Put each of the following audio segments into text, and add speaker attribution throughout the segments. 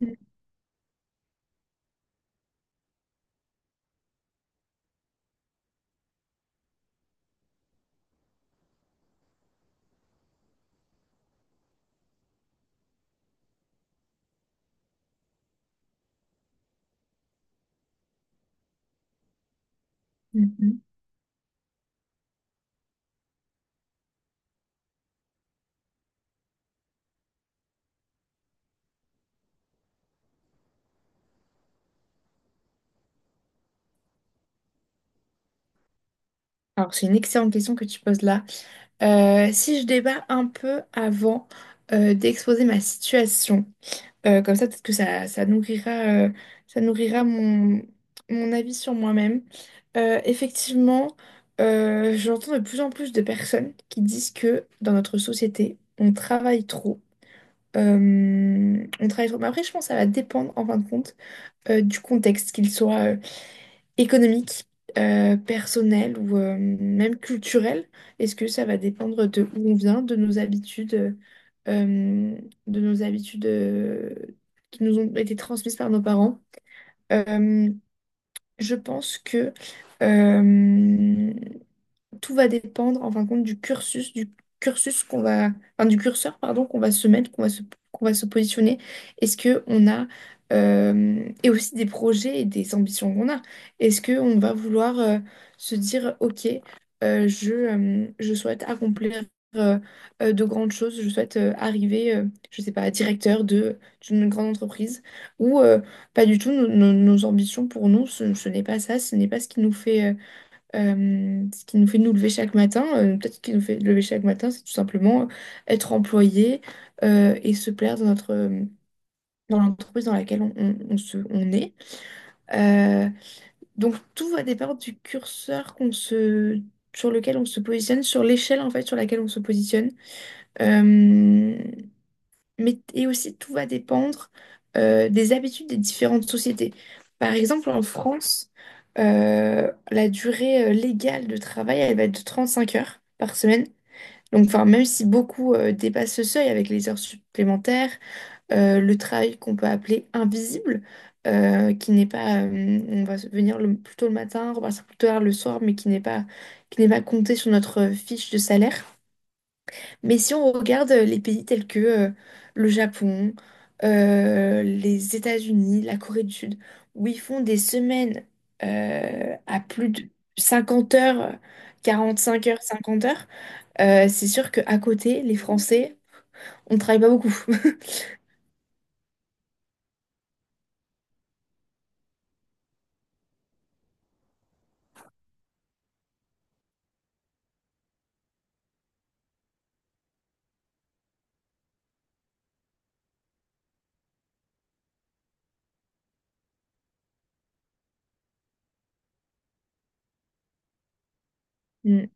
Speaker 1: Mhm, mhm. Alors, c'est une excellente question que tu poses là. Si je débat un peu avant d'exposer ma situation, comme ça, peut-être que ça nourrira mon avis sur moi-même. Effectivement, j'entends de plus en plus de personnes qui disent que dans notre société, on travaille trop. On travaille trop. Mais après, je pense que ça va dépendre, en fin de compte, du contexte, qu'il soit économique, personnel ou même culturel? Est-ce que ça va dépendre de où on vient, de nos euh, habitudes qui nous ont été transmises par nos parents? Euh, je pense que euh, tout va dépendre, en fin de compte, du cursus qu'on va, enfin, du curseur, pardon, qu'on va se mettre, qu'on va se positionner. Est-ce que on a, et aussi des projets et des ambitions qu'on a. Est-ce que on va vouloir se dire, ok, je souhaite accomplir euh, de grandes choses, je souhaite arriver, je sais pas, directeur de d'une grande entreprise, ou pas du tout. Nos ambitions pour nous, ce n'est pas ça, ce n'est pas ce qui nous fait ce qui nous fait nous lever chaque matin, peut-être ce qui nous fait lever chaque matin, c'est tout simplement être employé et se plaire dans dans l'entreprise dans laquelle on est. Euh, donc tout va dépendre du curseur sur lequel on se positionne, sur l'échelle en fait sur laquelle on se positionne. Euh, mais, et aussi, tout va dépendre des habitudes des différentes sociétés. Par exemple, en France, la durée légale de travail, elle va être de 35 heures par semaine. Donc, enfin, même si beaucoup dépassent ce seuil avec les heures supplémentaires, le travail qu'on peut appeler invisible, qui n'est pas, on va venir plus tôt le matin, repartir plus tard le soir, mais qui n'est pas compté sur notre fiche de salaire. Mais si on regarde les pays tels que le Japon, les États-Unis, la Corée du Sud, où ils font des semaines à plus de 50 heures, 45 heures, 50 heures, c'est sûr qu'à côté, les Français, on ne travaille pas beaucoup. Mm,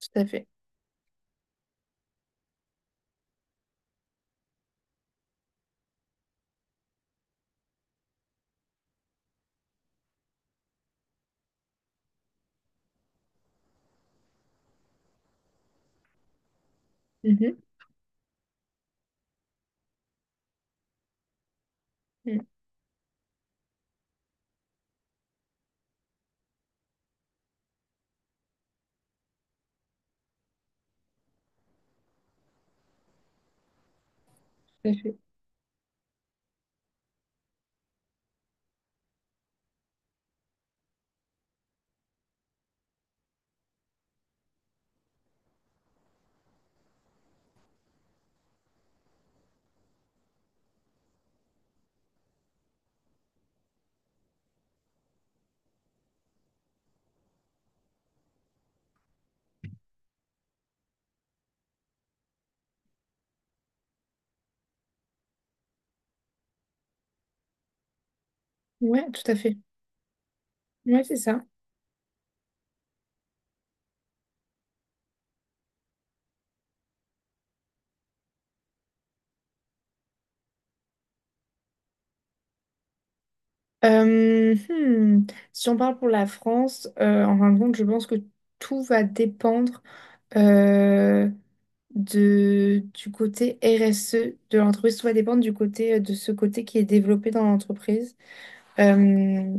Speaker 1: tout à fait. Mhm, mm, tout à fait. Ouais, tout à fait. Ouais, c'est ça. Euh, hmm, Si on parle pour la France, en fin de compte, je pense que tout va dépendre. euh, du côté RSE de l'entreprise. Tout va dépendre du côté, de ce côté qui est développé dans l'entreprise. Euh,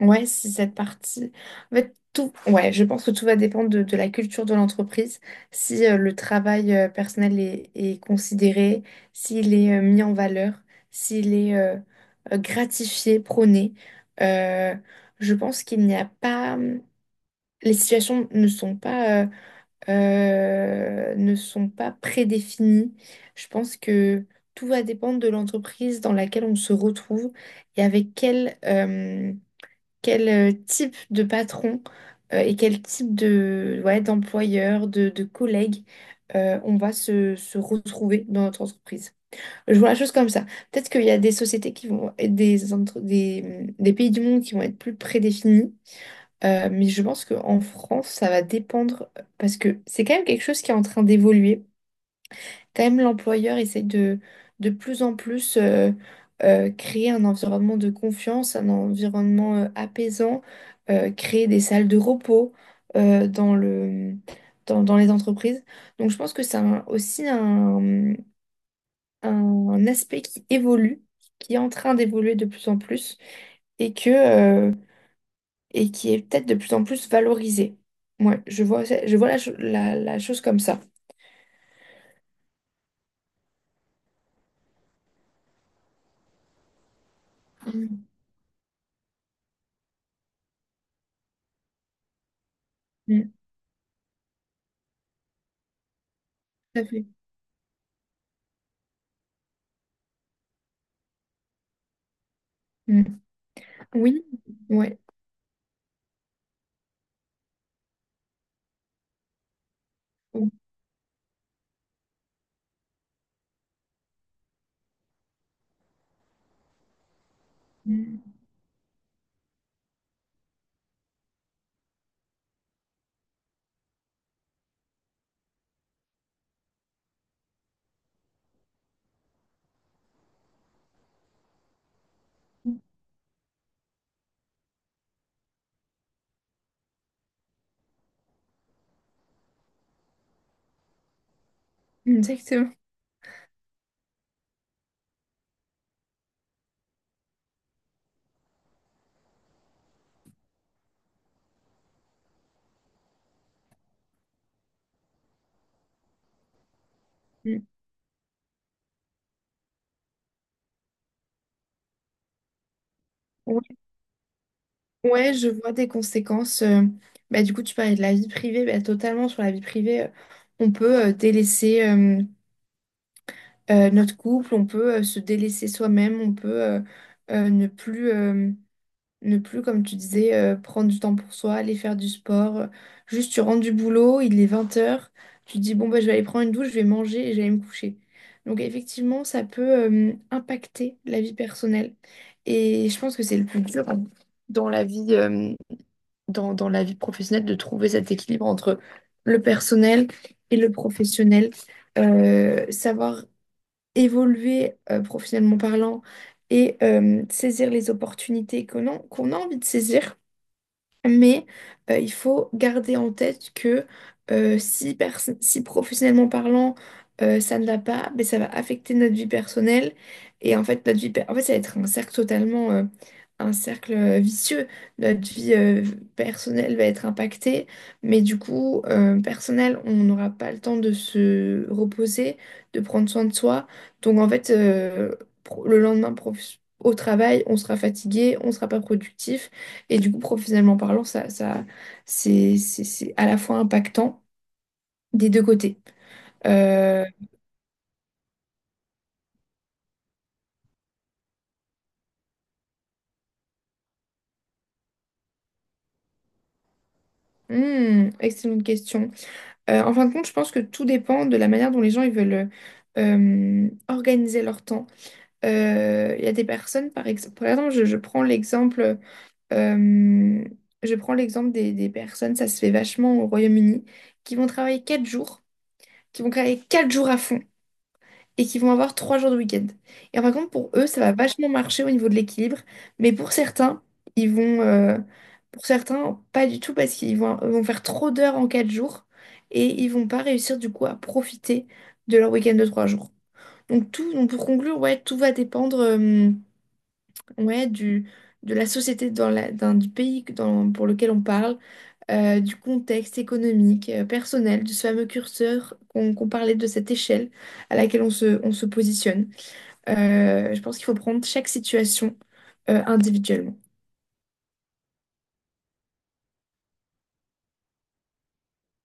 Speaker 1: ouais, c'est cette partie. En fait, ouais, je pense que tout va dépendre de la culture de l'entreprise. Si le travail personnel est considéré, s'il est mis en valeur, s'il est gratifié, prôné. Euh, je pense qu'il n'y a pas. Les situations ne sont pas prédéfinis. Je pense que tout va dépendre de l'entreprise dans laquelle on se retrouve et avec quel type de patron et quel type de, ouais, d'employeur, de collègue on va se retrouver dans notre entreprise. Je vois la chose comme ça. Peut-être qu'il y a des sociétés qui vont être des pays du monde qui vont être plus prédéfinis mais je pense qu'en France, ça va dépendre parce que c'est quand même quelque chose qui est en train d'évoluer. Quand même, l'employeur essaie de plus en plus créer un environnement de confiance, un environnement apaisant, créer des salles de repos euh, dans le, dans les entreprises. Donc, je pense que c'est aussi un aspect qui évolue, qui est en train d'évoluer de plus en plus et que. Et qui est peut-être de plus en plus valorisée. Moi, je vois la chose comme ça. Mm, mm, tout à fait. Mm. Oui, ouais. Mm, exactement. Mm. Ouais, ouais, je vois des conséquences. Bah, du coup, tu parlais de la vie privée, bah, totalement sur la vie privée. On peut délaisser notre couple, on peut se délaisser soi-même, on peut ne plus. Ne plus, comme tu disais, prendre du temps pour soi, aller faire du sport. Juste, tu rentres du boulot, il est 20 heures, tu te dis, bon, bah, je vais aller prendre une douche, je vais manger et je vais aller me coucher. Donc, effectivement, ça peut impacter la vie personnelle. Et je pense que c'est le plus dur, hein, dans la vie, euh, dans la vie professionnelle, de trouver cet équilibre entre le personnel et le professionnel. Savoir évoluer professionnellement parlant et saisir les opportunités qu'on a, qu'on a envie de saisir. Mais il faut garder en tête que si professionnellement parlant, ça ne va pas, mais ça va affecter notre vie personnelle. Et en fait, en fait, ça va être un cercle totalement, un cercle vicieux. Notre vie personnelle va être impactée, mais du coup, personnel, on n'aura pas le temps de se reposer, de prendre soin de soi. Donc en fait, le lendemain, au travail, on sera fatigué, on ne sera pas productif. Et du coup, professionnellement parlant, c'est à la fois impactant des deux côtés. Euh, Excellente question. En fin de compte, je pense que tout dépend de la manière dont les gens ils veulent organiser leur temps. Il y a des personnes, par exemple, euh, je prends l'exemple des personnes, ça se fait vachement au Royaume-Uni, qui vont travailler 4 jours, qui vont travailler quatre jours à fond et qui vont avoir 3 jours de week-end. Et par contre, pour eux, ça va vachement marcher au niveau de l'équilibre, mais ils vont, euh, pour certains, pas du tout parce qu'ils vont faire trop d'heures en 4 jours et ils vont pas réussir du coup à profiter de leur week-end de 3 jours. Donc pour conclure, ouais, tout va dépendre, ouais, du de la société dans du pays pour lequel on parle, du contexte économique, personnel, de ce fameux curseur qu'on parlait, de cette échelle à laquelle on se positionne. Je pense qu'il faut prendre chaque situation individuellement.